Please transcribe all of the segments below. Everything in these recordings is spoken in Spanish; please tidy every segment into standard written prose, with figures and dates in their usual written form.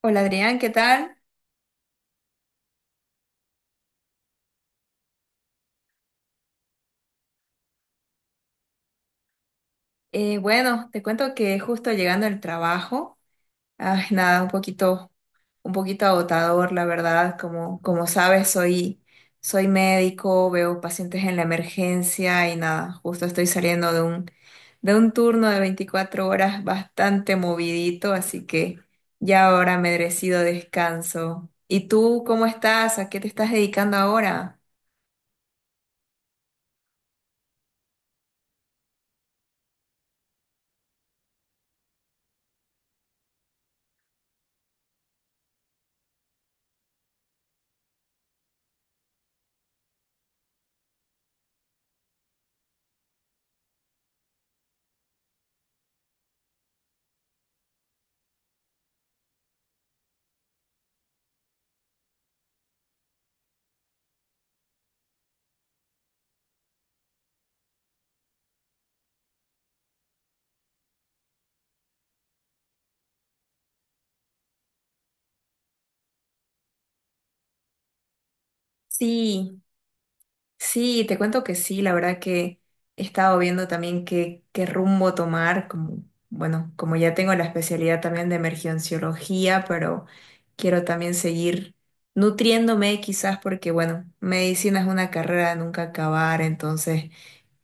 Hola Adrián, ¿qué tal? Bueno, te cuento que justo llegando del trabajo, ay, nada, un poquito agotador, la verdad. Como sabes, soy médico, veo pacientes en la emergencia y nada, justo estoy saliendo de un turno de 24 horas bastante movidito, así que ya ahora merecido descanso. ¿Y tú cómo estás? ¿A qué te estás dedicando ahora? Sí. Sí, te cuento que sí, la verdad que he estado viendo también qué rumbo tomar, como, bueno, como ya tengo la especialidad también de emergenciología, pero quiero también seguir nutriéndome quizás porque, bueno, medicina es una carrera de nunca acabar, entonces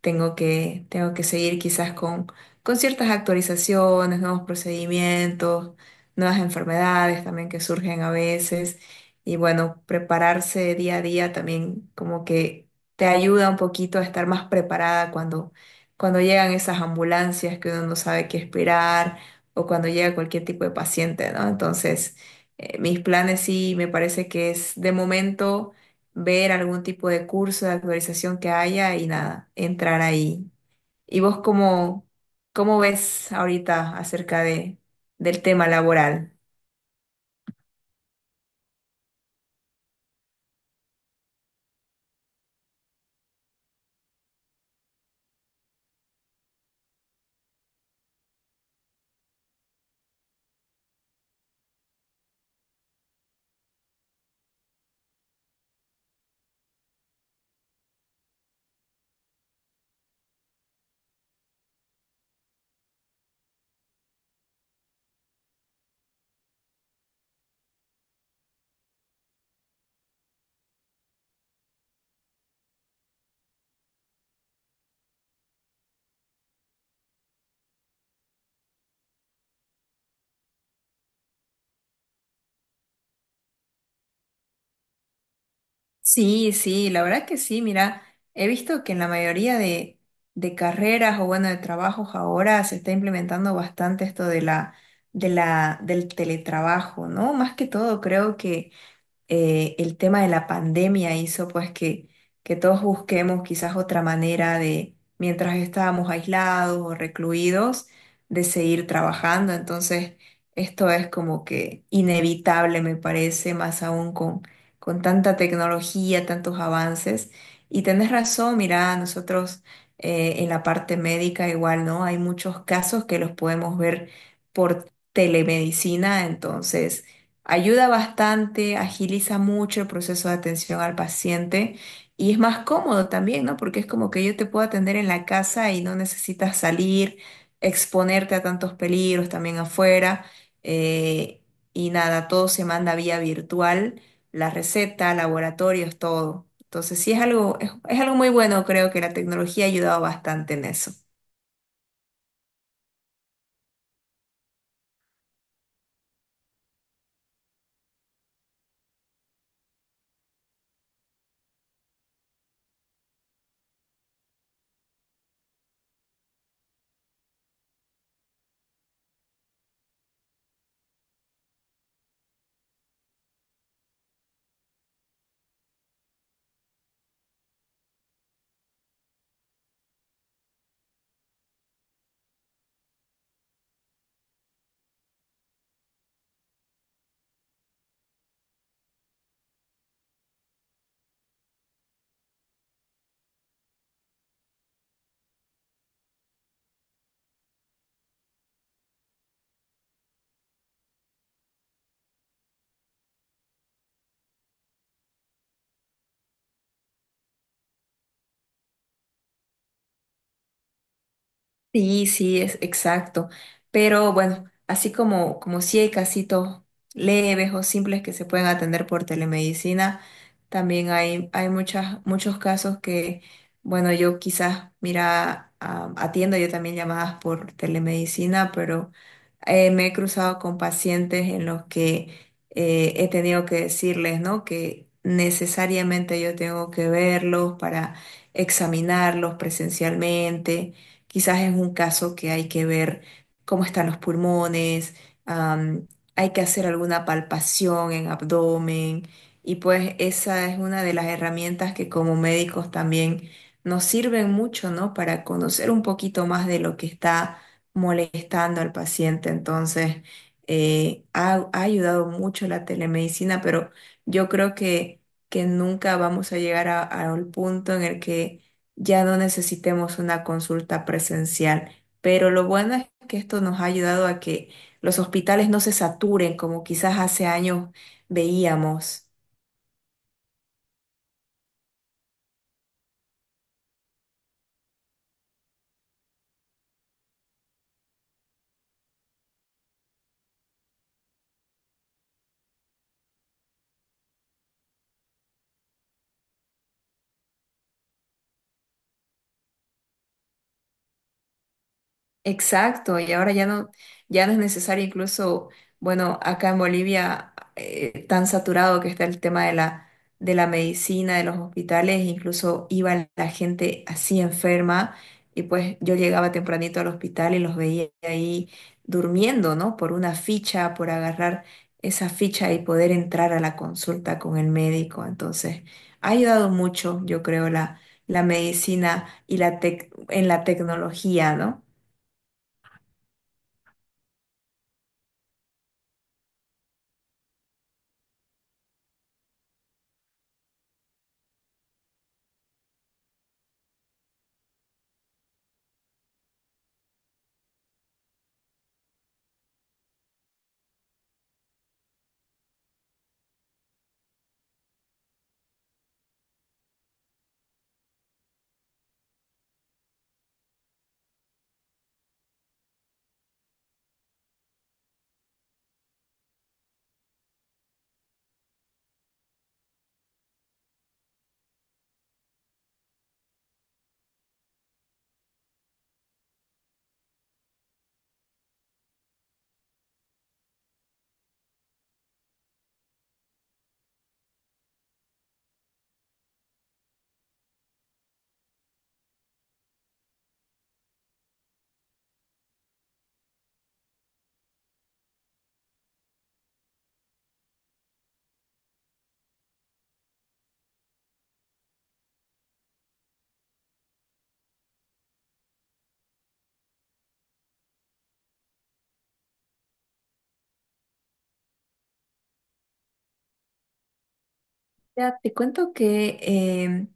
tengo que seguir quizás con ciertas actualizaciones, nuevos procedimientos, nuevas enfermedades también que surgen a veces. Y bueno, prepararse día a día también como que te ayuda un poquito a estar más preparada cuando llegan esas ambulancias que uno no sabe qué esperar o cuando llega cualquier tipo de paciente, ¿no? Entonces, mis planes sí me parece que es de momento ver algún tipo de curso de actualización que haya y nada, entrar ahí. ¿Y vos cómo ves ahorita acerca de, del tema laboral? Sí, sí, la verdad que sí, mira, he visto que en la mayoría de carreras o bueno, de trabajos ahora se está implementando bastante esto de del teletrabajo, ¿no? Más que todo creo que el tema de la pandemia hizo pues que todos busquemos quizás otra manera de, mientras estábamos aislados o recluidos, de seguir trabajando. Entonces, esto es como que inevitable, me parece, más aún con tanta tecnología, tantos avances. Y tenés razón, mira, nosotros en la parte médica igual, ¿no? Hay muchos casos que los podemos ver por telemedicina, entonces ayuda bastante, agiliza mucho el proceso de atención al paciente y es más cómodo también, ¿no? Porque es como que yo te puedo atender en la casa y no necesitas salir, exponerte a tantos peligros también afuera. eh, y nada, todo se manda vía virtual, la receta, laboratorios, todo. Entonces sí es algo, es algo muy bueno, creo que la tecnología ha ayudado bastante en eso. Sí, sí, es exacto. Pero bueno, así como, como si hay casitos leves o simples que se pueden atender por telemedicina, también hay muchas, muchos casos bueno, yo quizás, mira, ah, atiendo yo también llamadas por telemedicina, pero me he cruzado con pacientes en los que he tenido que decirles, ¿no? Que necesariamente yo tengo que verlos para examinarlos presencialmente. Quizás es un caso que hay que ver cómo están los pulmones, am, hay que hacer alguna palpación en abdomen y pues esa es una de las herramientas que como médicos también nos sirven mucho, ¿no? Para conocer un poquito más de lo que está molestando al paciente. Entonces, ha ayudado mucho la telemedicina, pero yo creo que nunca vamos a llegar al punto en el que ya no necesitemos una consulta presencial. Pero lo bueno es que esto nos ha ayudado a que los hospitales no se saturen como quizás hace años veíamos. Exacto, y ahora ya no, ya no es necesario incluso, bueno, acá en Bolivia, tan saturado que está el tema de de la medicina, de los hospitales, incluso iba la gente así enferma y pues yo llegaba tempranito al hospital y los veía ahí durmiendo, ¿no? Por una ficha, por agarrar esa ficha y poder entrar a la consulta con el médico. Entonces, ha ayudado mucho, yo creo, la medicina y la en la tecnología, ¿no? Ya, te cuento que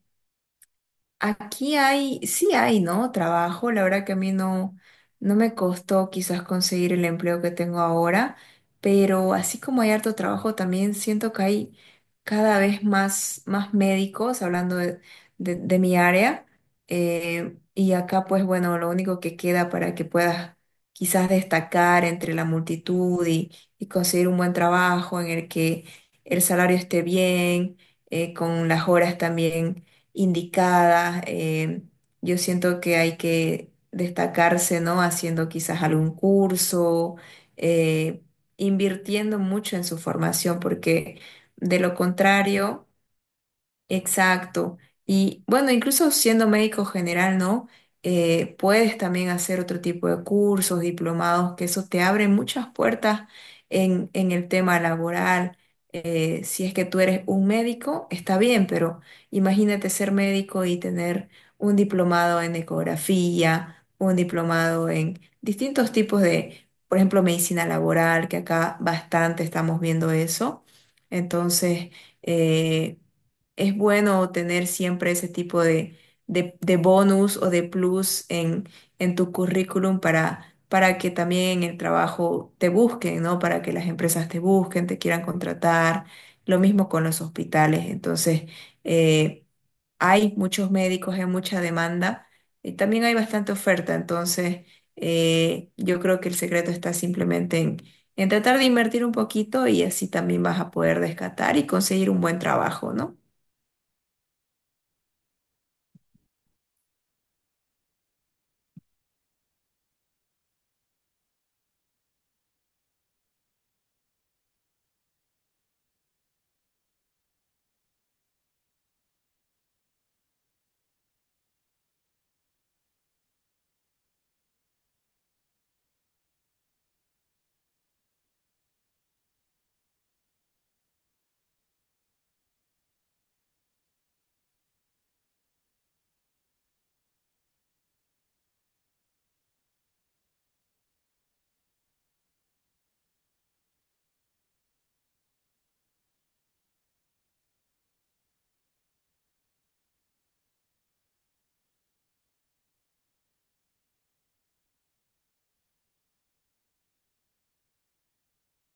aquí hay, sí hay, ¿no? Trabajo. La verdad que a mí no, no me costó quizás conseguir el empleo que tengo ahora, pero así como hay harto trabajo, también siento que hay cada vez más, más médicos, hablando de mi área. Y acá, pues bueno, lo único que queda para que puedas quizás destacar entre la multitud y conseguir un buen trabajo en el que el salario esté bien, con las horas también indicada. Yo siento que hay que destacarse, ¿no? Haciendo quizás algún curso, eh, invirtiendo mucho en su formación, porque de lo contrario exacto. Y bueno, incluso siendo médico general, ¿no? Puedes también hacer otro tipo de cursos, diplomados, que eso te abre muchas puertas en el tema laboral. Si es que tú eres un médico, está bien, pero imagínate ser médico y tener un diplomado en ecografía, un diplomado en distintos tipos de, por ejemplo, medicina laboral, que acá bastante estamos viendo eso. Entonces, eh, es bueno tener siempre ese tipo de bonus o de plus en tu currículum, para que también en el trabajo te busquen, ¿no? Para que las empresas te busquen, te quieran contratar. Lo mismo con los hospitales. Entonces, eh, hay muchos médicos, hay mucha demanda y también hay bastante oferta. Entonces, yo creo que el secreto está simplemente en tratar de invertir un poquito y así también vas a poder rescatar y conseguir un buen trabajo, ¿no?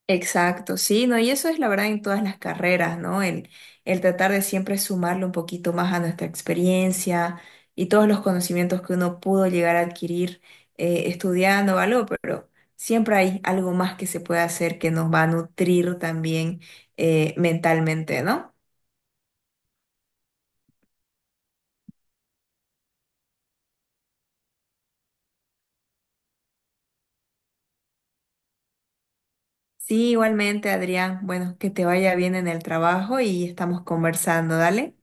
Exacto, sí, ¿no? Y eso es la verdad en todas las carreras, ¿no? El tratar de siempre sumarle un poquito más a nuestra experiencia y todos los conocimientos que uno pudo llegar a adquirir estudiando o algo, pero siempre hay algo más que se puede hacer que nos va a nutrir también mentalmente, ¿no? Sí, igualmente, Adrián, bueno, que te vaya bien en el trabajo y estamos conversando, dale.